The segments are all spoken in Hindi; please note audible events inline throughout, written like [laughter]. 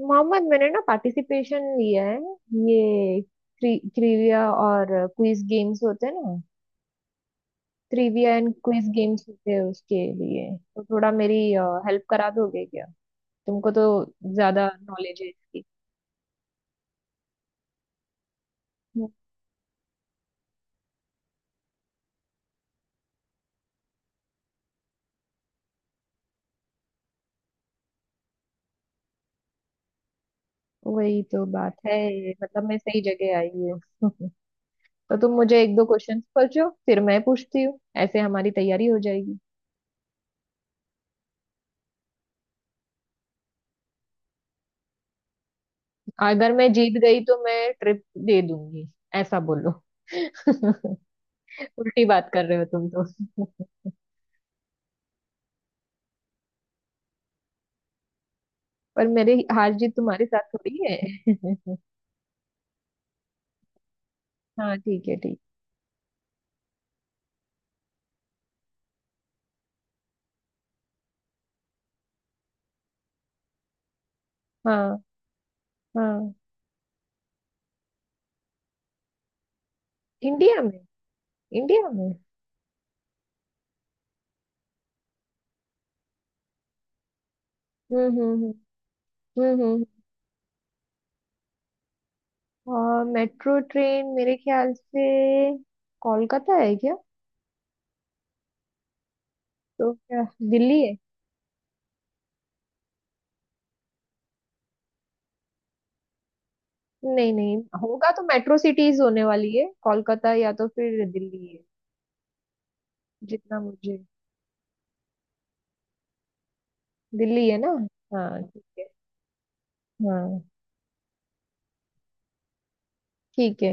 मोहम्मद, मैंने ना पार्टिसिपेशन लिया है। ये ट्रिविया और क्विज गेम्स होते हैं ना? ट्रिविया एंड क्विज गेम्स होते हैं, उसके लिए तो थोड़ा मेरी हेल्प करा दोगे क्या? तुमको तो ज्यादा नॉलेज है इसकी। हम्म, वही तो बात है। मतलब मैं सही जगह आई हूँ। [laughs] तो तुम मुझे एक दो क्वेश्चंस पूछो, फिर मैं पूछती हूँ। ऐसे हमारी तैयारी हो जाएगी। अगर मैं जीत गई तो मैं ट्रिप दे दूंगी। ऐसा बोलो। [laughs] उल्टी बात कर रहे हो तुम तो। [laughs] पर मेरी हार जीत तुम्हारे साथ थोड़ी है। [laughs] हाँ, ठीक है, ठीक। हाँ हाँ। इंडिया में। इंडिया में। हम्म हम्म हम्म हम्म। और मेट्रो ट्रेन मेरे ख्याल से कोलकाता है क्या? तो क्या दिल्ली है? नहीं नहीं। होगा तो मेट्रो सिटीज होने वाली है, कोलकाता या तो फिर दिल्ली है। जितना मुझे। दिल्ली है ना? हाँ, ठीक है। हाँ, ठीक है।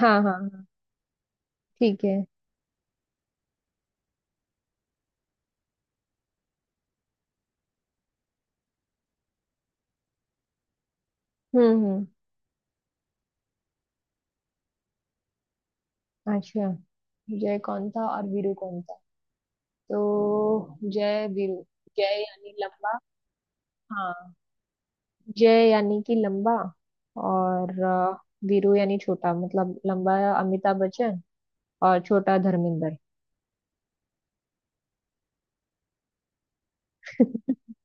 हाँ हाँ हाँ, ठीक है। हम्म। अच्छा, जय कौन था और वीरू कौन था? तो जय वीरू। जय यानी लंबा। हाँ। जय यानी कि लंबा। और वीरू यानी छोटा, मतलब लंबा अमिताभ बच्चन और छोटा धर्मेंद्र।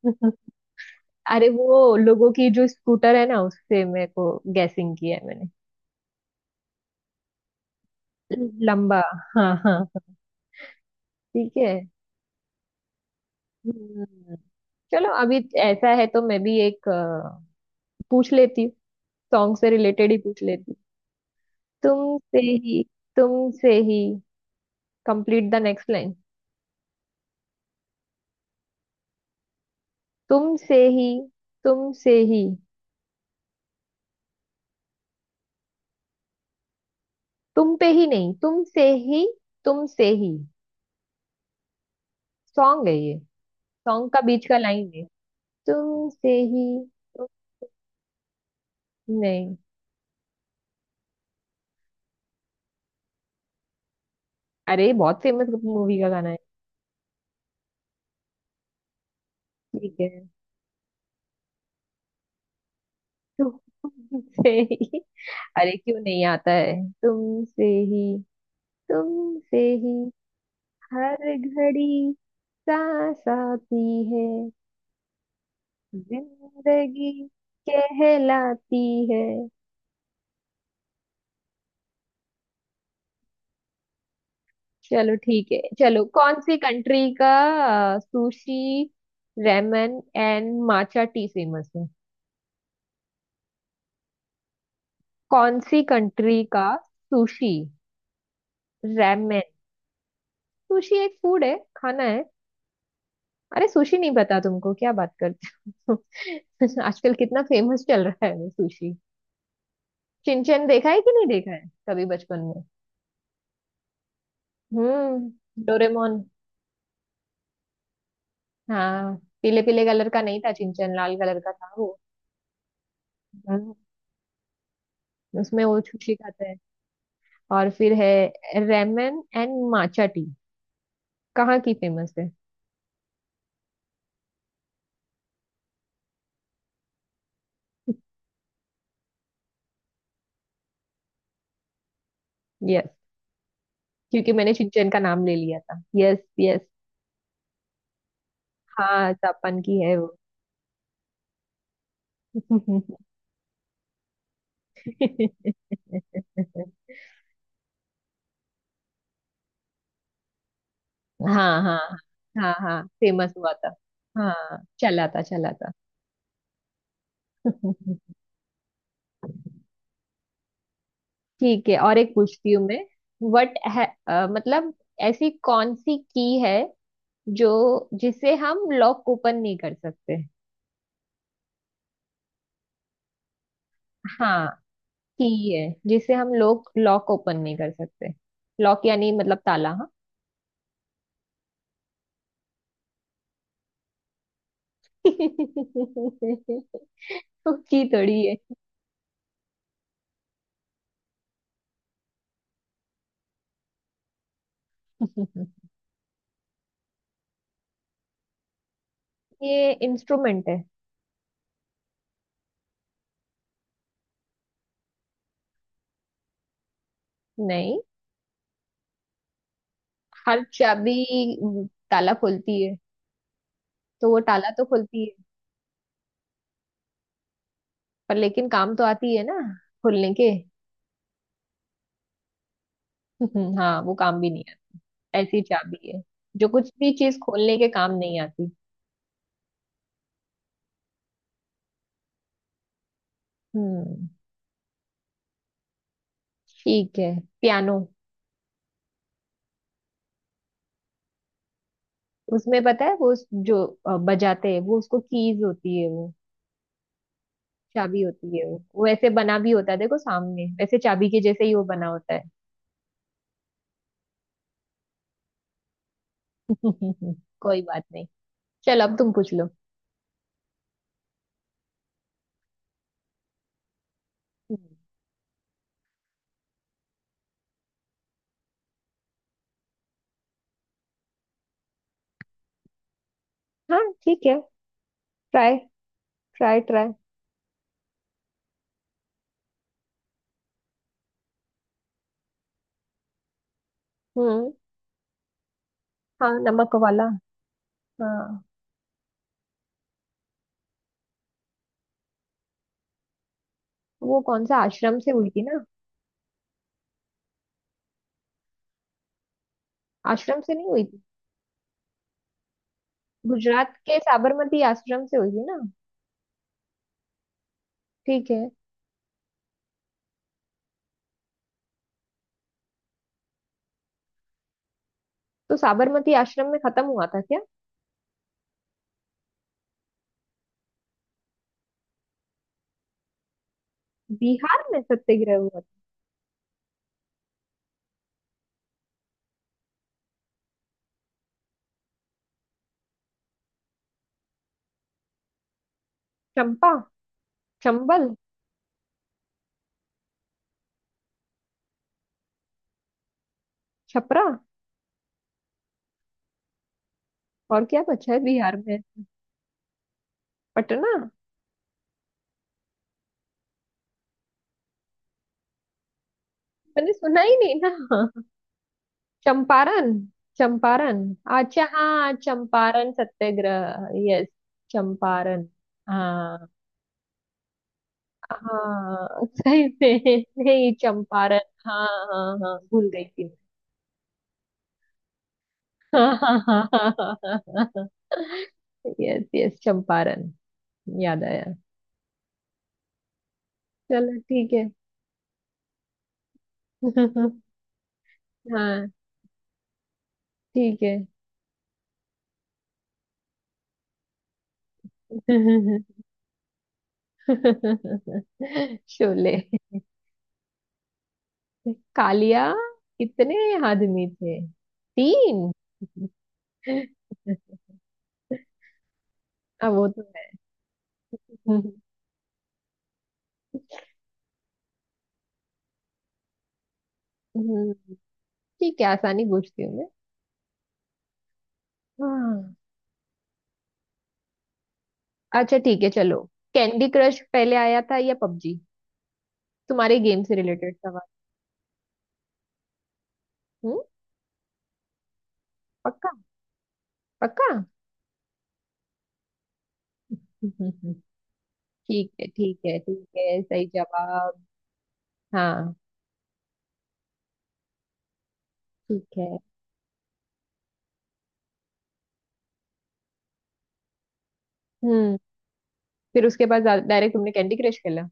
[laughs] अरे, वो लोगों की जो स्कूटर है ना, उससे मेरे को गैसिंग किया है मैंने। लंबा। हाँ हाँ। ठीक है। हम्म, चलो अभी ऐसा है तो मैं भी एक पूछ लेती हूँ। सॉन्ग से रिलेटेड ही पूछ लेती हूँ। तुमसे ही। तुमसे ही। Complete the next line. तुमसे ही। तुमसे ही। तुम पे ही नहीं, तुमसे ही। तुमसे ही। सॉन्ग है ये। सॉन्ग का बीच का लाइन है। तुमसे ही। तुम। नहीं। अरे, बहुत फेमस मूवी का गाना है। ठीक है। तुमसे ही। अरे, क्यों नहीं आता है? तुमसे। ही। तुमसे ही। हर घड़ी। सांस आती। है। जिंदगी। कहलाती। है। चलो, ठीक है। चलो, कौन सी कंट्री का sushi ramen and matcha tea famous है? कौन सी कंट्री का? सुशी। रेमन। सुशी एक फूड है, खाना है। अरे, सुशी नहीं पता तुमको, क्या बात करते हो? [laughs] आजकल कितना फेमस चल रहा है वो सुशी। चिंचन देखा है कि नहीं देखा है कभी बचपन में? हम्म, डोरेमोन। हाँ। पीले पीले कलर का नहीं था चिंचन, लाल कलर का था वो। हम्म, उसमें वो छुछी खाते हैं। और फिर है रेमन एंड माचा टी, कहाँ की फेमस है? यस। क्योंकि मैंने चिंचन का नाम ले लिया था, यस यस। हाँ, जापान की है वो। [laughs] हाँ हाँ हाँ हाँ, फेमस हुआ था। हाँ, चला था चला था। [laughs] ठीक है, और एक पूछती हूँ मैं। वट है मतलब ऐसी कौन सी की है जो जिसे हम लॉक ओपन नहीं कर सकते? हाँ। की है जिसे हम लोग लॉक ओपन नहीं कर सकते। लॉक यानी मतलब ताला, हाँ। [laughs] की थोड़ी है। [laughs] ये इंस्ट्रूमेंट है। नहीं, हर चाबी ताला खोलती है। तो वो ताला तो खोलती है, पर लेकिन काम तो आती है ना खोलने के। [laughs] हाँ, वो काम भी नहीं आता। ऐसी चाबी है जो कुछ भी चीज खोलने के काम नहीं आती। हम्म। ठीक है। पियानो। उसमें पता है वो जो बजाते हैं वो, उसको कीज होती है वो। चाबी होती है वो ऐसे बना भी होता है, देखो सामने वैसे चाबी के जैसे ही वो बना होता है। [laughs] कोई बात नहीं। चल, अब तुम पूछ लो। हम्म। हाँ, ठीक है। ट्राई। Try try. हम्म। हाँ, नमक वाला। हाँ। वो कौन सा आश्रम से हुई थी ना? आश्रम से नहीं हुई थी? गुजरात के साबरमती आश्रम से हुई थी ना? ठीक है। तो साबरमती आश्रम में खत्म हुआ था क्या? बिहार में सत्याग्रह हुआ था? चंपा। चंबल। छपरा। और क्या बचा है बिहार में? पटना। मैंने सुना ही नहीं ना। चंपारण। चंपारण। अच्छा, हाँ, चंपारण सत्याग्रह, यस। चंपारण। हाँ। हाँ सही से। नहीं, चंपारण। हाँ। हाँ हाँ, भूल गई थी। हाँ हाँ हाँ हाँ। हाँ। हाँ। Yes yes, Champaran. याद आया। चलो, ठीक है। [laughs] हाँ, ठीक है। [laughs] शोले। कालिया। कितने आदमी थे? तीन। [laughs] अब वो तो है। हम्म, हम्म। ठीक है, आसानी पूछती हूँ मैं। हाँ। अच्छा, ठीक है, चलो। कैंडी क्रश पहले आया था या पबजी? तुम्हारे गेम से रिलेटेड सवाल। हम्म। पक्का? पक्का। [laughs] हम्म। ठीक है, ठीक है, ठीक है, सही जवाब। हाँ। ठीक है। हम्म। फिर उसके बाद डायरेक्ट तुमने कैंडी क्रश खेला?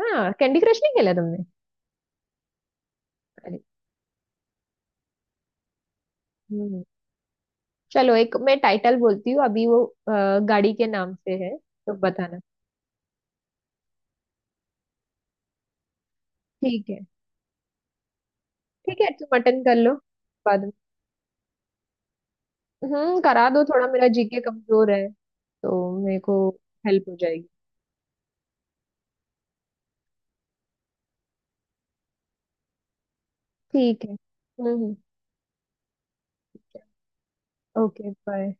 हाँ, कैंडी क्रश नहीं खेला तुमने? अरे। हम्म। चलो, एक मैं टाइटल बोलती हूँ अभी, वो गाड़ी के नाम से है तो बताना। ठीक है। ठीक है, तुम अटेंड कर लो। बाद में। करा दो, थोड़ा मेरा जीके कमजोर है तो मेरे को हेल्प हो जाएगी। ठीक है। हम्म। Okay, bye.